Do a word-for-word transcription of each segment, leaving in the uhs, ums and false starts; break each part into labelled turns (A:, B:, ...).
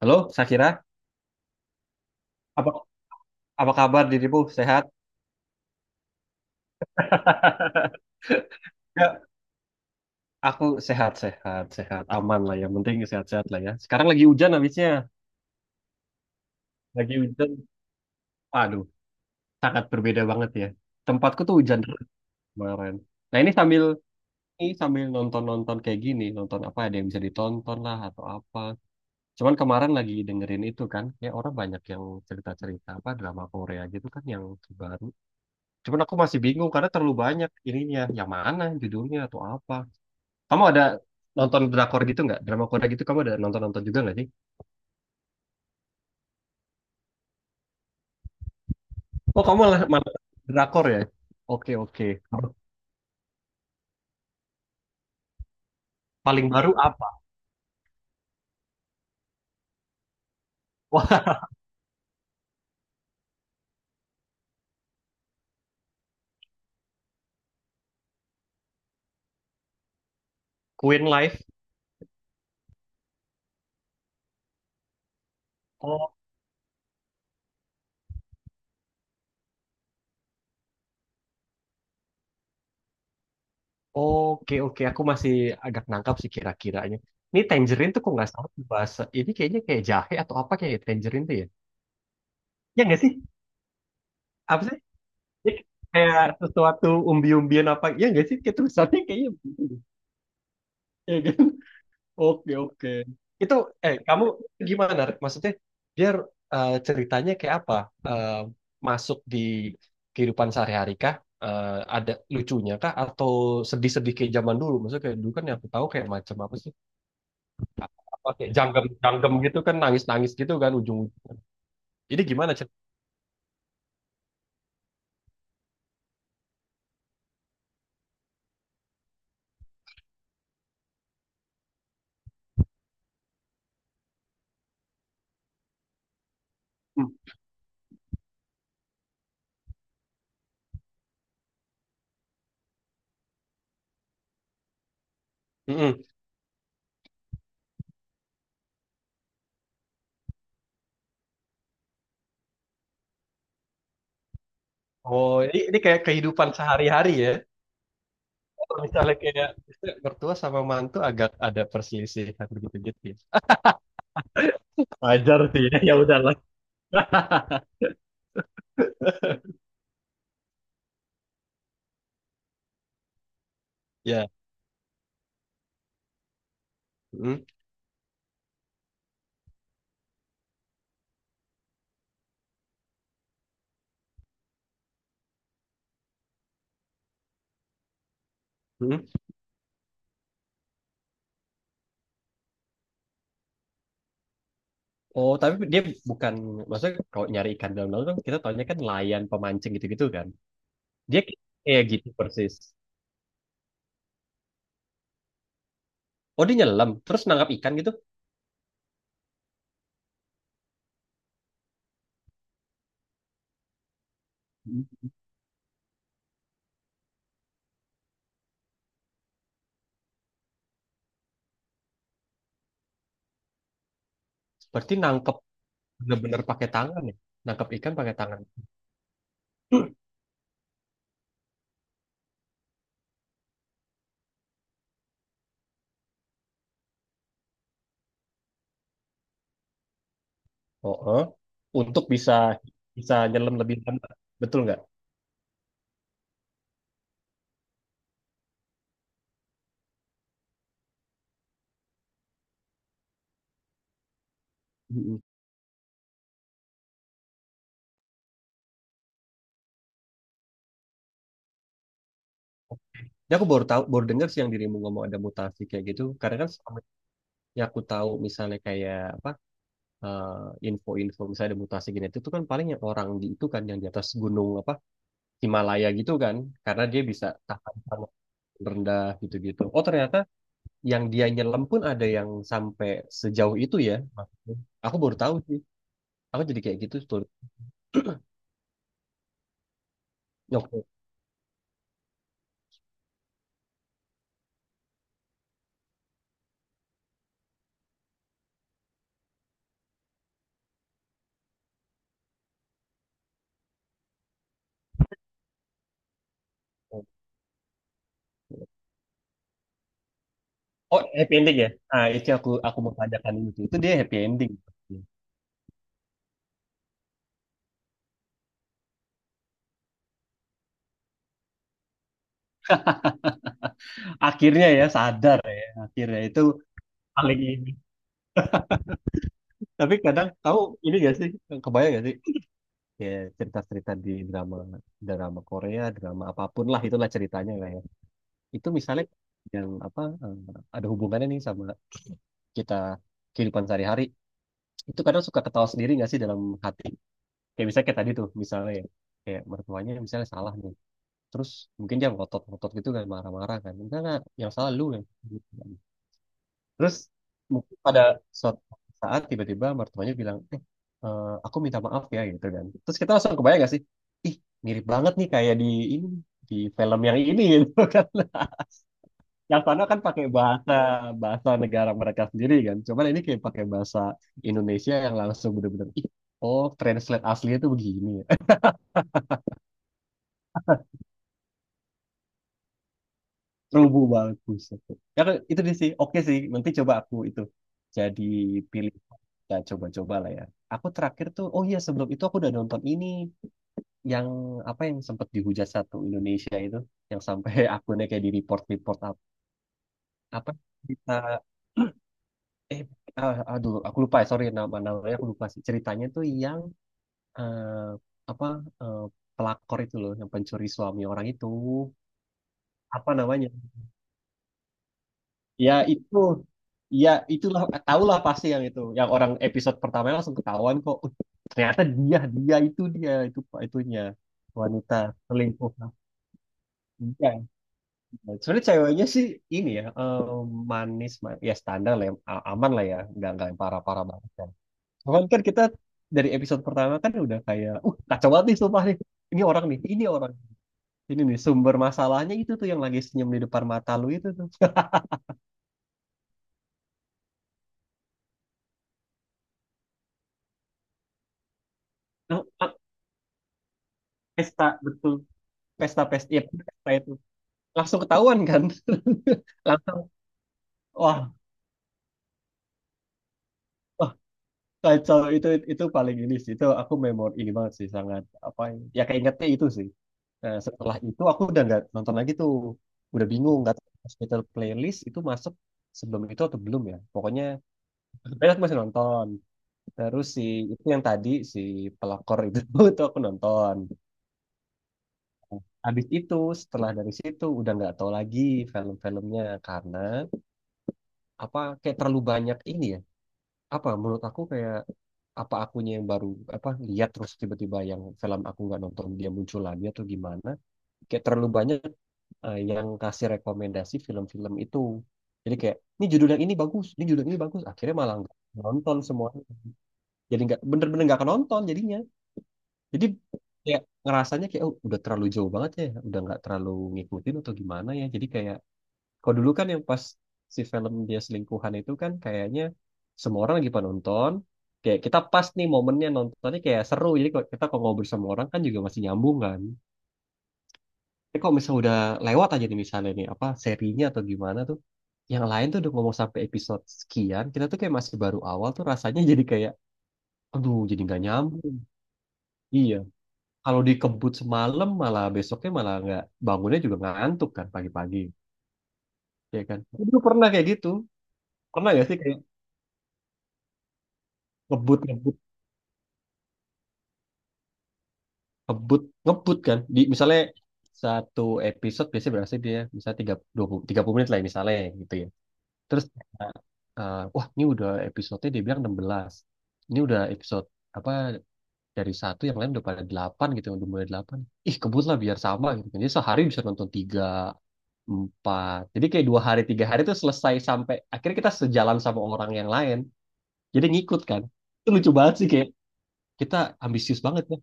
A: Halo, Sakira. Apa apa kabar dirimu? Sehat? Ya, aku sehat-sehat, sehat, aman lah. Yang penting sehat-sehat lah ya. Sekarang lagi hujan habisnya. Lagi hujan. Aduh, sangat berbeda banget ya. Tempatku tuh hujan terus kemarin. Nah, ini sambil ini sambil nonton-nonton kayak gini, nonton apa ada yang bisa ditonton lah atau apa. Cuman kemarin lagi dengerin itu kan, ya orang banyak yang cerita-cerita apa drama Korea gitu kan yang terbaru. Cuman aku masih bingung karena terlalu banyak ininya. Yang mana judulnya atau apa. Kamu ada nonton drakor gitu nggak? Drama Korea gitu kamu ada nonton-nonton juga nggak sih? Oh kamu malah malah drakor ya? Oke oke. Paling baru apa? Wah Queen Life. Oh oke oke. Aku masih agak nangkap sih kira-kiranya. Ini Tangerine tuh kok nggak salah tuh bahasa. Ini kayaknya kayak jahe atau apa kayak Tangerine tuh ya? Ya nggak sih? Apa sih? Ya, kayak sesuatu umbi-umbian apa? Ya nggak sih? Kayak tulisannya kayaknya. Ya, kan? Oke, oke. Itu, eh, kamu gimana? Rik? Maksudnya, biar eh, ceritanya kayak apa? Eh, masuk di kehidupan sehari-hari kah? Eh, ada lucunya kah? Atau sedih-sedih kayak zaman dulu? Maksudnya kayak dulu kan yang aku tahu kayak macam apa sih? Apa kayak janggem-janggem gitu kan, nangis-nangis gitu kan ujung. Ini gimana cerita? Hmm. Mm-mm. Oh, ini, ini kayak kehidupan sehari-hari ya? Atau misalnya kayak misalnya mertua sama mantu agak ada perselisihan begitu-gitu ya? Wajar sih, ya udahlah. Ya. Hmm, hmm. Oh, tapi dia bukan maksudnya kalau nyari ikan dalam laut kan kita taunya kan nelayan pemancing gitu-gitu kan. Dia kayak gitu persis. Oh, dia nyelam terus nangkap ikan gitu. Hmm. Berarti nangkep bener-bener pakai tangan ya. Nangkep ikan pakai tangan. Oh, oh. Untuk bisa bisa nyelam lebih lama. Betul nggak? Hmm. Ya aku baru tahu, baru dengar sih yang dirimu ngomong ada mutasi kayak gitu. Karena kan selama yang aku tahu misalnya kayak apa eh, info-info misalnya ada mutasi genetik itu kan paling yang orang di itu kan yang di atas gunung apa Himalaya gitu kan karena dia bisa tahan panas rendah gitu-gitu. Oh ternyata yang dia nyelam pun ada yang sampai sejauh itu ya. Maksudnya. Aku baru tahu sih. Aku jadi kayak gitu tuh. Oke. Oh happy ending ya? Ah itu yang aku aku mau tanyakan itu. Itu dia happy ending. Akhirnya ya sadar ya. Akhirnya itu paling ini. Tapi kadang kamu ini gak sih kebayang gak sih ya cerita-cerita di drama drama Korea drama apapun lah itulah ceritanya lah ya itu misalnya yang apa eh, ada hubungannya nih sama kita kehidupan sehari-hari itu kadang suka ketawa sendiri nggak sih dalam hati kayak misalnya kayak tadi tuh misalnya ya kayak mertuanya misalnya salah nih terus mungkin dia ngotot-ngotot gitu kan marah-marah kan enggak enggak yang salah lu kan gitu. Terus mungkin pada suatu saat tiba-tiba mertuanya bilang, eh, eh, aku minta maaf ya gitu kan. Terus kita langsung kebayang gak sih? Ih, mirip banget nih kayak di ini di film yang ini gitu kan. Yang sana kan pakai bahasa bahasa negara mereka sendiri kan. Cuman ini kayak pakai bahasa Indonesia yang langsung bener-bener, ih, oh translate aslinya tuh begini. Rubuh banget buset. Ya kan, itu dia sih. Oke sih, nanti coba aku itu jadi pilih kita coba-coba lah ya. Aku terakhir tuh, oh iya sebelum itu aku udah nonton ini yang apa yang sempat dihujat satu Indonesia itu yang sampai akunnya kayak di report report apa, apa kita eh ah, aduh aku lupa ya sorry nama namanya aku lupa sih ceritanya tuh yang eh, apa eh, pelakor itu loh yang pencuri suami orang itu apa namanya. Ya itu, ya itulah tahulah pasti yang itu, yang orang episode pertama langsung ketahuan kok. Uh, ternyata dia, dia itu dia itu pak itunya wanita selingkuh. Nah, iya. Sebenarnya ceweknya sih ini ya eh, manis, ma- ya standar lah, ya, a- aman lah ya, nggak nggak yang parah-parah banget kan. Cuman kan kita dari episode pertama kan udah kayak, uh kacau banget nih sumpah nih. Ini orang nih, ini orang, ini nih sumber masalahnya itu tuh yang lagi senyum di depan mata lu itu tuh. Pesta, betul. Pesta pesta ya pesta itu langsung ketahuan kan langsung wah wah kacau itu itu paling ini sih itu aku memori ini banget sih sangat apa ya ya keingetnya itu sih. Nah, setelah itu aku udah nggak nonton lagi tuh udah bingung nggak tahu hospital playlist itu masuk sebelum itu atau belum ya pokoknya sebenarnya aku masih nonton terus si itu yang tadi si pelakor itu itu aku nonton. Habis itu setelah dari situ udah nggak tahu lagi film-filmnya karena apa kayak terlalu banyak ini apa menurut aku kayak apa akunya yang baru apa lihat terus tiba-tiba yang film aku nggak nonton dia muncul lagi atau gimana kayak terlalu banyak eh, yang kasih rekomendasi film-film itu jadi kayak ini judul yang ini bagus ini judul yang ini bagus akhirnya malah nggak nonton semua jadi nggak bener-bener nggak nonton jadinya jadi kayak ngerasanya kayak oh, udah terlalu jauh banget ya udah nggak terlalu ngikutin atau gimana ya jadi kayak kalau dulu kan yang pas si film dia selingkuhan itu kan kayaknya semua orang lagi pada nonton. Kayak kita pas nih momennya nontonnya kayak seru. Jadi kalau kita kalau ngobrol sama orang kan juga masih nyambung kan. Tapi kalau misalnya udah lewat aja nih misalnya nih apa serinya atau gimana tuh. Yang lain tuh udah ngomong sampai episode sekian. Kita tuh kayak masih baru awal tuh rasanya jadi kayak aduh jadi nggak nyambung. Iya. Kalau dikebut semalam malah besoknya malah nggak bangunnya juga ngantuk kan pagi-pagi. Ya kan. Dulu pernah kayak gitu. Pernah gak sih kayak ngebut ngebut ngebut kan di misalnya satu episode biasanya berapa sih dia misalnya tiga dua puluh tiga puluh menit lah ya, misalnya gitu ya terus eh, eh, wah ini udah episodenya dia bilang enam belas ini udah episode apa dari satu yang lain udah pada delapan gitu udah mulai delapan ih kebut lah biar sama gitu kan jadi sehari bisa nonton tiga empat jadi kayak dua hari tiga hari itu selesai sampai akhirnya kita sejalan sama orang yang lain jadi ngikut kan itu lucu banget sih kayak kita ambisius banget ya.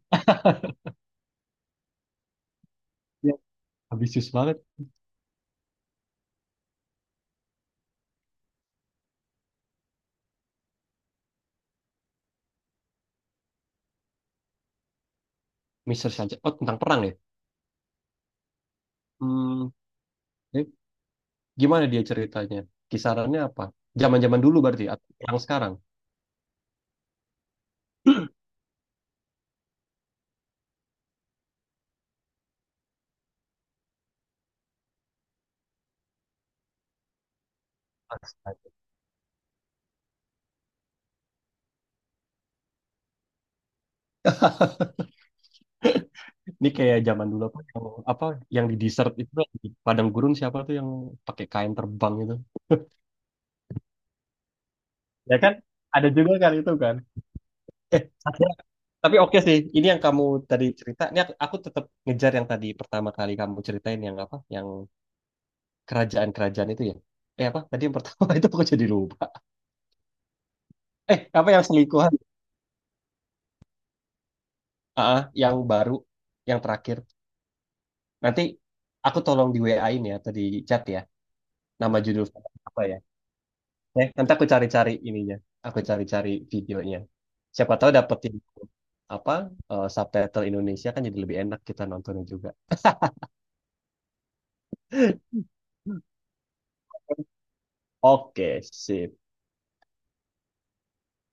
A: Iya. Ambisius banget. mister Sanchez. Oh, tentang perang ya? Hmm, eh, gimana dia ceritanya? Kisarannya apa? Zaman-zaman dulu berarti atau perang sekarang? Astaga. Ini kayak zaman dulu apa yang, apa yang di desert itu di padang gurun siapa tuh yang pakai kain terbang itu? Ya kan? Ada juga kan itu kan? Eh, Satya. Tapi oke sih. Ini yang kamu tadi cerita. Ini aku, aku tetap ngejar yang tadi pertama kali kamu ceritain yang apa? Yang kerajaan-kerajaan itu ya? Eh apa? Tadi yang pertama itu aku jadi lupa. Eh apa yang selingkuhan? Ah, ah, yang baru, yang terakhir. Nanti aku tolong di we a-in ya atau di chat ya. Nama judul film apa ya? Eh, nanti aku cari-cari ininya. Aku cari-cari videonya. Siapa tahu dapetin apa eh, subtitle Indonesia kan jadi lebih enak kita nontonnya juga. Oke, sip.